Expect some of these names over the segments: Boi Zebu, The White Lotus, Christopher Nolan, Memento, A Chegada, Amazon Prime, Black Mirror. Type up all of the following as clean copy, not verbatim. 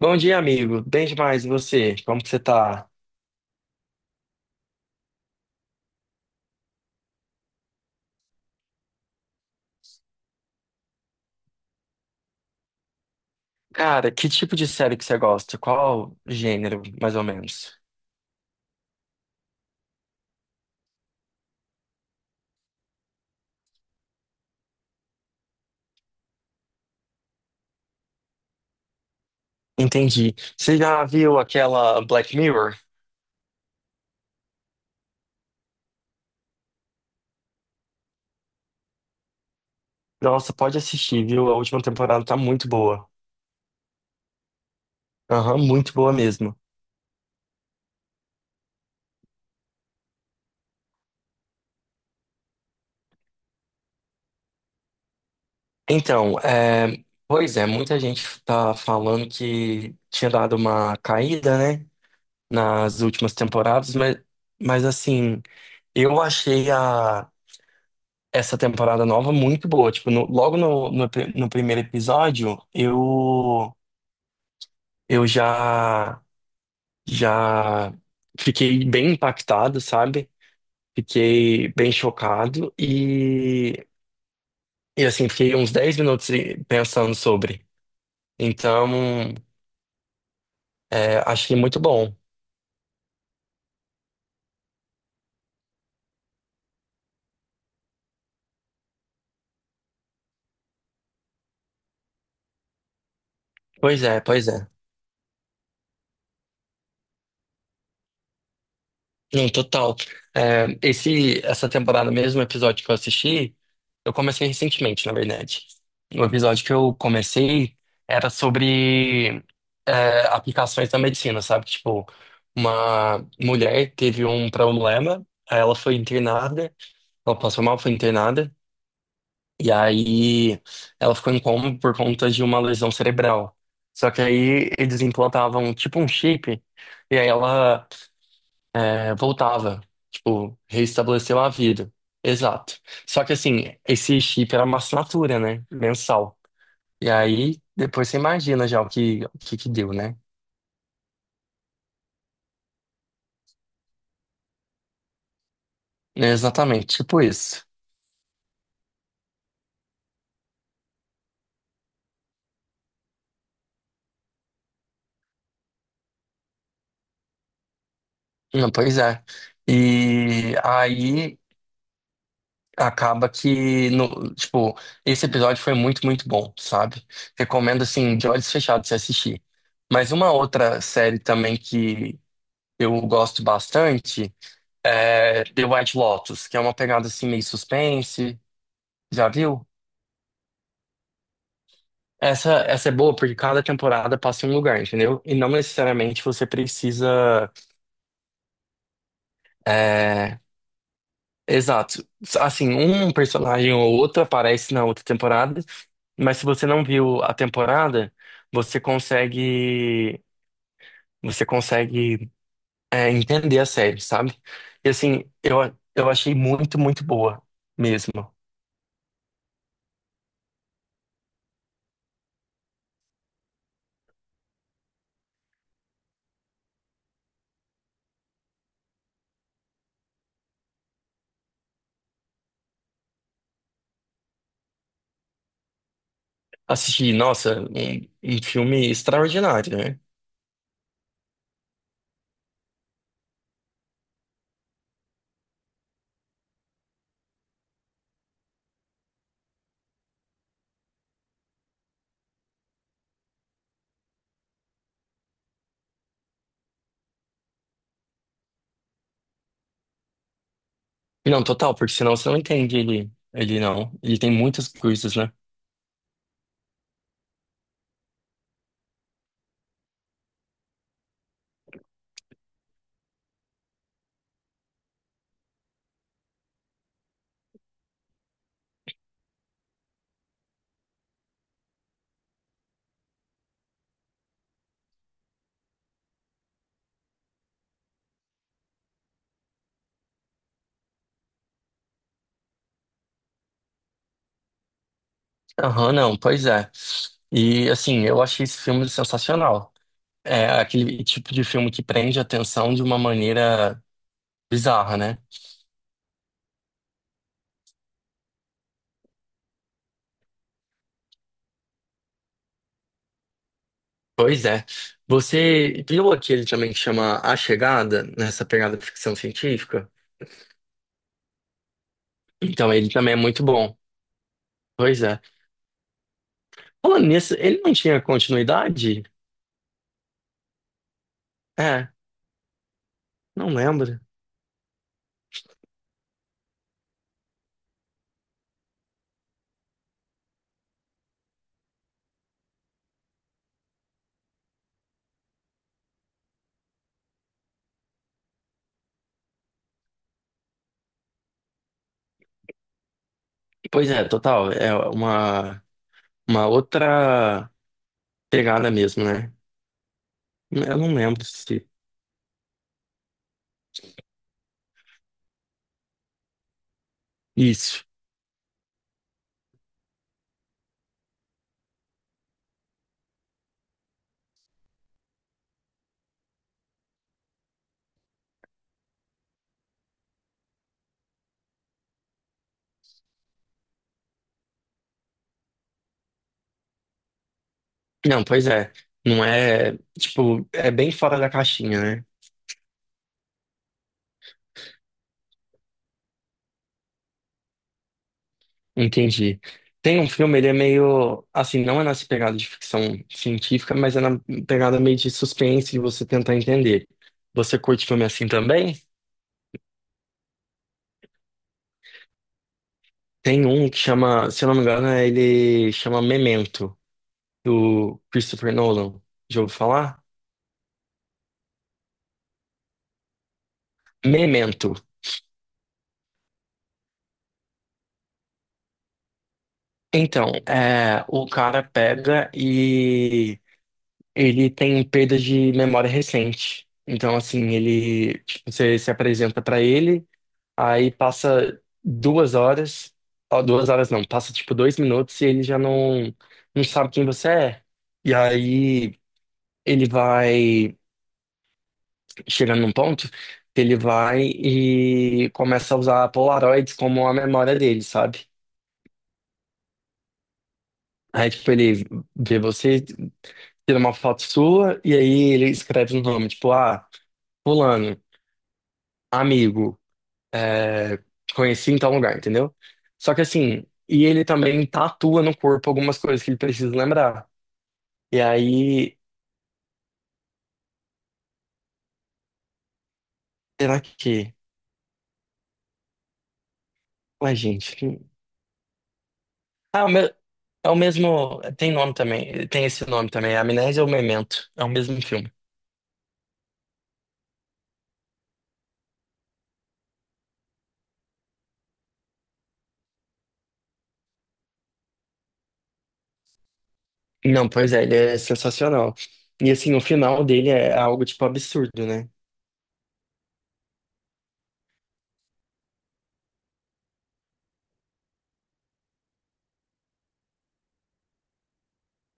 Bom dia, amigo. Bem demais, e você? Como que você tá? Cara, que tipo de série que você gosta? Qual gênero, mais ou menos? Entendi. Você já viu aquela Black Mirror? Nossa, pode assistir, viu? A última temporada tá muito boa. Aham, muito boa mesmo. Então, pois é, muita gente tá falando que tinha dado uma caída, né? Nas últimas temporadas, mas assim, eu achei a essa temporada nova muito boa. Tipo, logo no primeiro episódio, eu já fiquei bem impactado, sabe? Fiquei bem chocado e assim, fiquei uns 10 minutos pensando sobre. Então, achei muito bom. Pois é, pois é. Não, total. Essa temporada mesmo, o episódio que eu assisti, eu comecei recentemente, na verdade. O episódio que eu comecei era sobre aplicações da medicina, sabe? Tipo, uma mulher teve um problema, aí ela foi internada, ela passou mal, foi internada, e aí ela ficou em coma por conta de uma lesão cerebral. Só que aí eles implantavam tipo um chip, e aí ela voltava, tipo, reestabeleceu a vida. Exato. Só que assim, esse chip era uma assinatura, né? Mensal. E aí, depois você imagina já o que que deu, né? É, exatamente, tipo isso. Não, pois é. E aí acaba que, no, tipo, esse episódio foi muito, muito bom, sabe? Recomendo, assim, de olhos fechados você assistir. Mas uma outra série também que eu gosto bastante The White Lotus, que é uma pegada assim meio suspense. Já viu? Essa é boa porque cada temporada passa em um lugar, entendeu? E não necessariamente você precisa. é, Exato. Assim, um personagem ou outro aparece na outra temporada, mas se você não viu a temporada, você consegue. Você consegue, entender a série, sabe? E assim, eu achei muito, muito boa mesmo. Assisti, nossa, um filme extraordinário, né? Não, total, porque senão você não entende ele, ele não. Ele tem muitas coisas, né? Aham, não, pois é. E assim, eu achei esse filme sensacional. É aquele tipo de filme que prende a atenção de uma maneira bizarra, né? Pois é. Você viu aquele também que chama A Chegada, nessa pegada de ficção científica? Então, ele também é muito bom. Pois é. Falando nisso, ele não tinha continuidade? É, não lembro. Pois é, total. É uma outra pegada mesmo, né? Eu não lembro se. Isso. Não, pois é. Não é. Tipo, é bem fora da caixinha, né? Entendi. Tem um filme, ele é meio. Assim, não é nessa pegada de ficção científica, mas é na pegada meio de suspense de você tentar entender. Você curte filme assim também? Tem um que chama. Se eu não me engano, ele chama Memento, do Christopher Nolan. Já ouviu falar? Memento. Então, o cara pega e ele tem perda de memória recente. Então, assim, ele, tipo, você se apresenta pra ele, aí passa 2 horas, ó, 2 horas não, passa tipo 2 minutos e ele já não sabe quem você é. E aí ele vai chegando num ponto que ele vai e começa a usar Polaroids como a memória dele, sabe? Aí, tipo, ele vê você, tira uma foto sua e aí ele escreve um nome, tipo, ah, fulano, amigo, é, te conheci em tal lugar, entendeu? Só que assim, e ele também tatua no corpo algumas coisas que ele precisa lembrar. E aí, será que. Ué, gente. Ah, é o mesmo. Tem nome também. Tem esse nome também. Amnésia ou Memento. É o mesmo filme. Não, pois é, ele é sensacional. E assim, o final dele é algo tipo absurdo, né?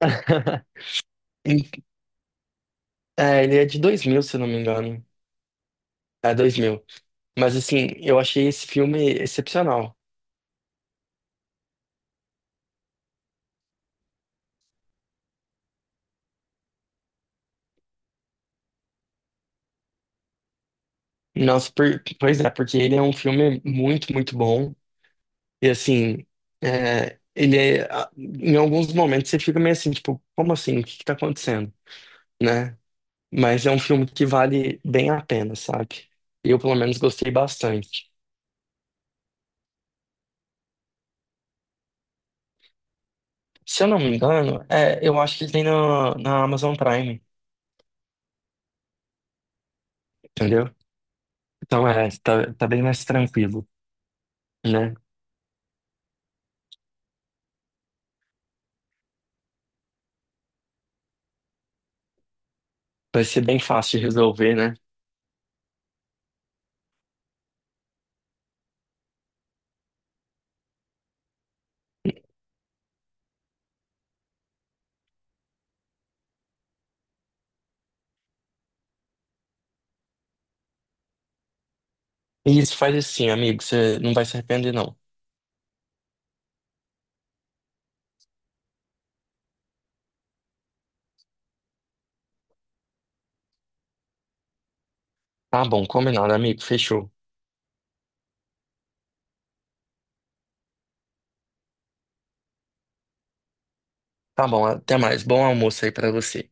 Em- É, ele é de 2000 se eu não me engano. É 2000. Mas assim, eu achei esse filme excepcional. Nossa, pois é, porque ele é um filme muito, muito bom. E assim, em alguns momentos você fica meio assim, tipo, como assim? O que que tá acontecendo? Né? Mas é um filme que vale bem a pena, sabe? Eu, pelo menos, gostei bastante. Se eu não me engano, eu acho que ele tem na Amazon Prime, entendeu? Então tá bem mais tranquilo, né? Vai ser bem fácil de resolver, né? E isso faz assim, amigo. Você não vai se arrepender, não. Tá bom, combinado, amigo. Fechou. Tá bom, até mais. Bom almoço aí pra você.